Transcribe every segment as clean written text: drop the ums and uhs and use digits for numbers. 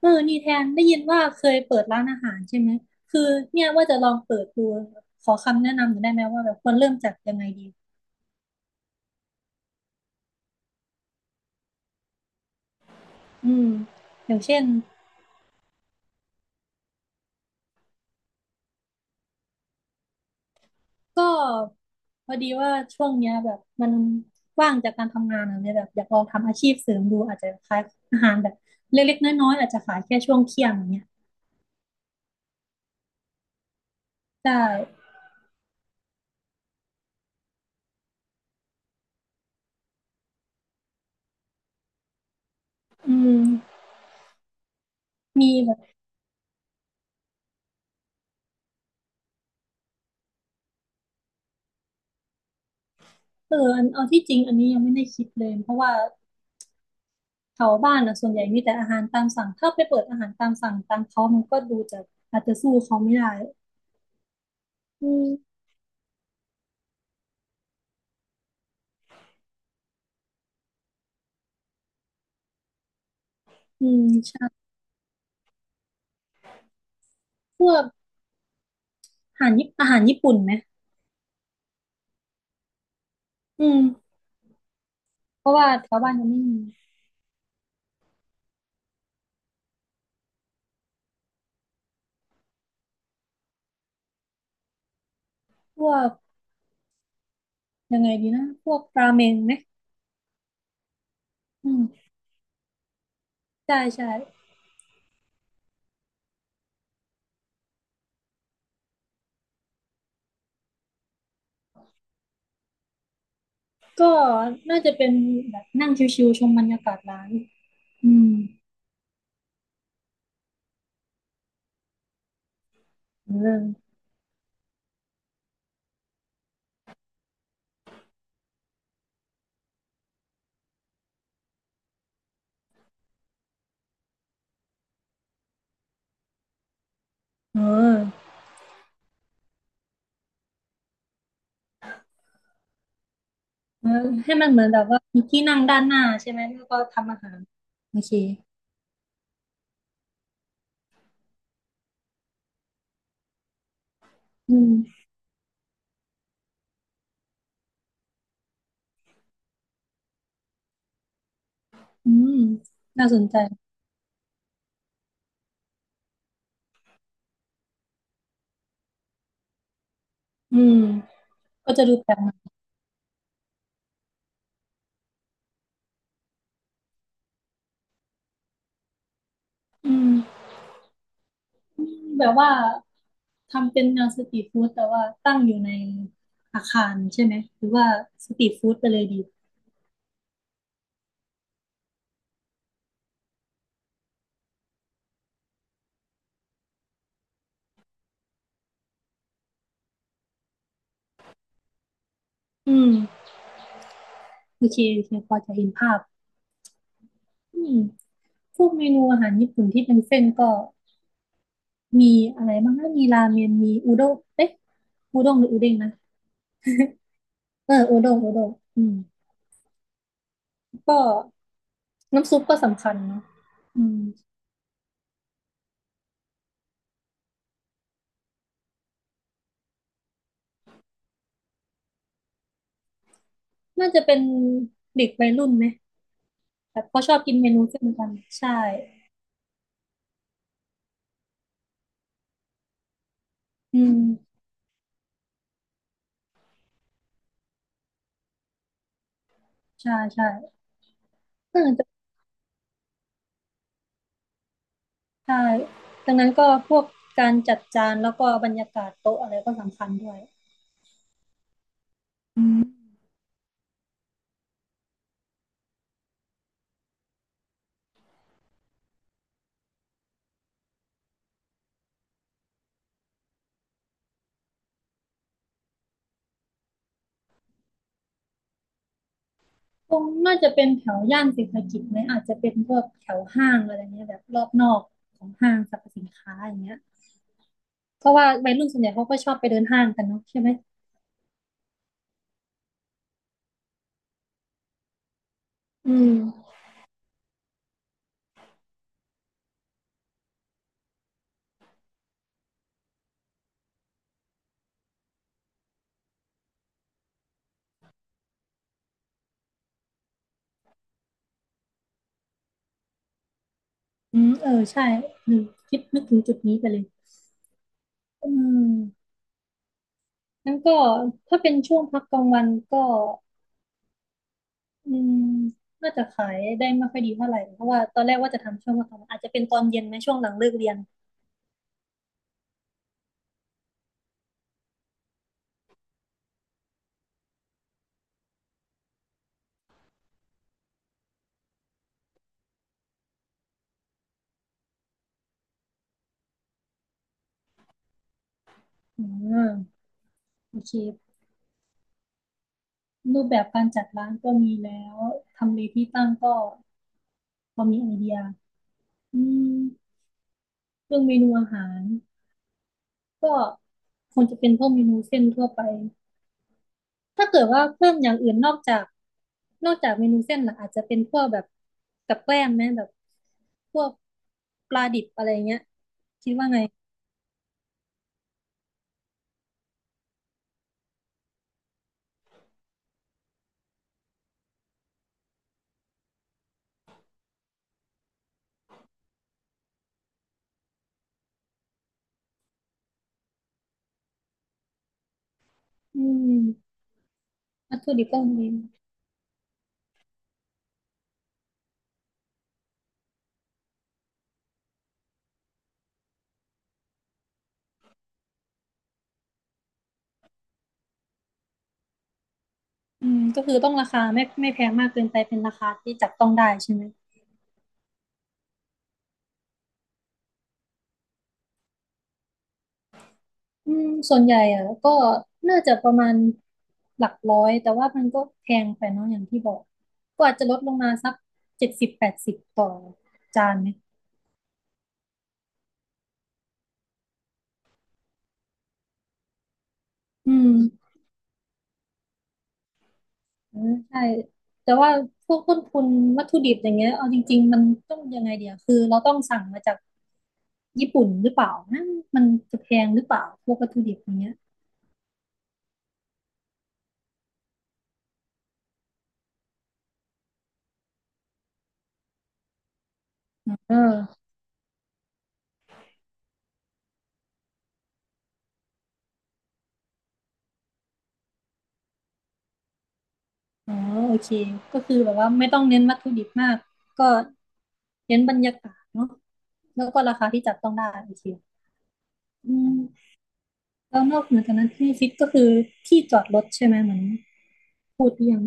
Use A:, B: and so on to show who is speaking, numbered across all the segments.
A: เออนี่แทนได้ยินว่าเคยเปิดร้านอาหารใช่ไหมคือเนี่ยว่าจะลองเปิดดูขอคำแนะนำหน่อยได้ไหมว่าแบบควรเริ่มจากยังไงดีอืมอย่างเช่นก็พอดีว่าช่วงเนี้ยแบบมันว่างจากการทำงานอะเนี่ยแบบอยากลองทำอาชีพเสริมดูอาจจะขายอาหารแบบเล็กๆน้อยๆอาจจะขายแค่ช่วงเที่ยงอย่างเงี้ยได้อืมมีแบบเอออันเอาที่จริงอันนี้ยังไม่ได้คิดเลยเพราะว่า แถวบ้านอ่ะส่วนใหญ่มีแต่อาหารตามสั่งถ้าไปเปิดอาหารตามสั่งตามเขามันก็ดูจะอาจจะสู้เขาไม่ได้อืมอืมใช่พวกอาหารญี่ปุ่นไหมอืมเพราะว่าแถวบ้านยังไม่มีพวกยังไงดีนะพวกราเมงไหมอืมใช่ใช่ก็น่าจะเป็นแบบนั่งชิวๆชมบรรยากาศร้านอืมเรื่องเออเออให้มันเหมือนแบบว่ามีที่นั่งด้านหน้าใช่ไหมแล้วก็ทำอาหารโอเคอืมอืมน่าสนใจ อืมก็จะดูแปลกใหม่อืมแบบว่าทำเป็นแนวสตรีทฟู้ดแต่ว่าตั้งอยู่ในอาคารใช่ไหมหรือว่าสตรีทฟู้ดไปเลยดีอืมโอเคโอเคพอจะเห็นภาพอืมพวกเมนูอาหารญี่ปุ่นที่เป็นเส้นก็มีอะไรบ้างนะมีราเมนมีอุด้งเอ๊ะอุด้งหรืออุเด้งนะเอออุด้งอุด้งอืมก็น้ำซุปก็สำคัญเนาะอืมน่าจะเป็นเด็กวัยรุ่นไหมแบบเขาชอบกินเมนูเส้นกันใช่อืม ใช่ใช่เออใช่ดังนั้นก็พวกการจัดจานแล้วก็บรรยากาศโต๊ะอะไรก็สำคัญด้วยอืมคงน่าจะเป็นแถวย่านเศรษฐกิจไหมอาจจะเป็นพวกแถวห้างอะไรเงี้ยแบบรอบนอกของห้างสรรพสินค้าอย่างเงี้ยเพราะว่าวัยรุ่นส่วนใหญ่เขาก็ชอบไปเดินห้างกันเนาะใช่ไหมอืมอืมเออใช่อืมคิดนึกถึงจุดนี้ไปเลยอืมงั้นก็ถ้าเป็นช่วงพักกลางวันก็ อืมน่าจะขายได้ไม่ค่อยดีเท่าไหร่เพราะว่าตอนแรกว่าจะทำช่วงวันธรรมดาอาจจะเป็นตอนเย็นไหมช่วงหลังเลิกเรียนอืมโอเครูปแบบการจัดร้านก็มีแล้วทำเลที่ตั้งก็พอมีไอเดียอืมเรื่องเมนูอาหารก็คงจะเป็นพวกเมนูเส้นทั่วไปถ้าเกิดว่าเพิ่มอย่างอื่นนอกจากเมนูเส้นล่ะอาจจะเป็นพวกแบบกับแกล้มไหมแบบพวกปลาดิบอะไรเงี้ยคิดว่าไงอืม วัตถุดิบก็มงีอืมก็คือต้องราคาไม่แพงมากเกินไปเป็นราคาที่จับต้องได้ใช่ไหม อืมส่วนใหญ่อ่ะก็น่าจะประมาณหลักร้อยแต่ว่ามันก็แพงไปเนาะอย่างที่บอก ก็อาจจะลดลงมาสัก70-80ต่อจานไหมอืมอืมใช่แต่ว่าพวกต้นทุนวัตถุดิบอย่างเงี้ยเอาจริงๆมันต้องยังไงเดียวคือเราต้องสั่งมาจากญี่ปุ่นหรือเปล่านะมันจะแพงหรือเปล่าพวกวัตถุดิบอย่างเงี้ยเออ อ๋อโอเคก็คือแบบว่าไม่ต้องเน้นวัตถุดิบมากก็เน้นบรรยากาศเนาะแล้วก็ราคาที่จับต้องได้โอเคอืมแล้วนอกเหนือจากนั้นที่ฟิตก็คือที่จอดรถใช่ไหมเหมือนพูดไปอย่าง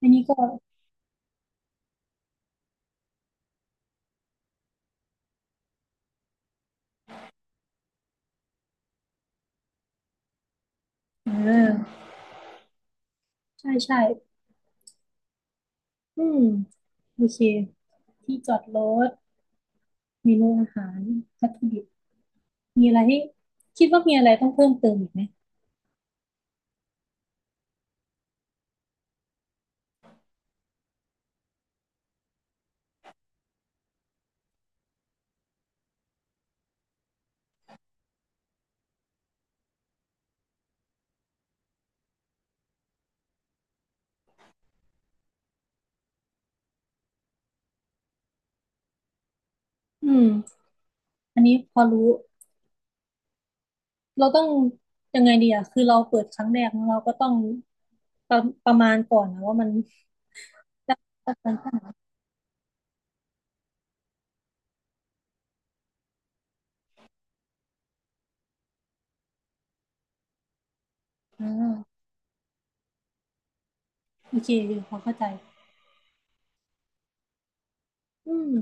A: อันนี้ก็เออใช่ใช่อืมโอเคที่จอดรถเมนูอาหารวัตถุดิบมีอะไรที่คิดว่ามีอะไรต้องเพิ่มเติมอีกไหมอืมอันนี้พอรู้ เราต้องยังไงดีอะคือเราเปิดครั้งแรกเนอะเราก็ต้องประประมาณก่อนนะว่ามันอ่าโอเคพอเข้าใจอืม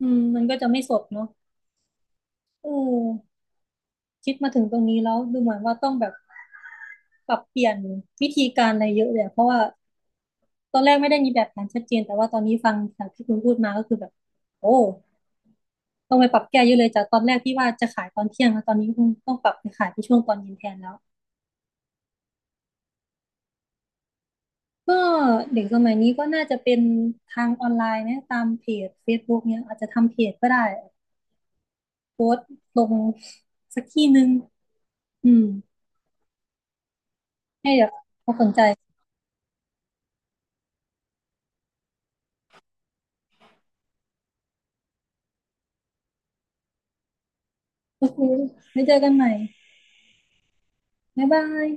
A: อืมมันก็จะไม่สดเนาะเออคิดมาถึงตรงนี้แล้วดูเหมือนว่าต้องแบบปรับเปลี่ยนวิธีการอะไรเยอะเลยอะเพราะว่าตอนแรกไม่ได้มีแบบแผนชัดเจนแต่ว่าตอนนี้ฟังจากที่คุณพูดมาก็คือแบบโอ้ต้องไปปรับแก้เยอะเลยจากตอนแรกที่ว่าจะขายตอนเที่ยงแล้วตอนนี้คงต้องปรับไปขายที่ช่วงตอนเย็นแทนแล้ว ก็เด็กสมัยนี้ก็น่าจะเป็นทางออนไลน์นะตามเพจ Facebook เนี่ยอาจจะทำเพจก็ได้โพสต์ลงสักที่หนึ่งอืมให้เด็กเขาสนใจโอเคไว้เจอกันใหม่บ๊ายบาย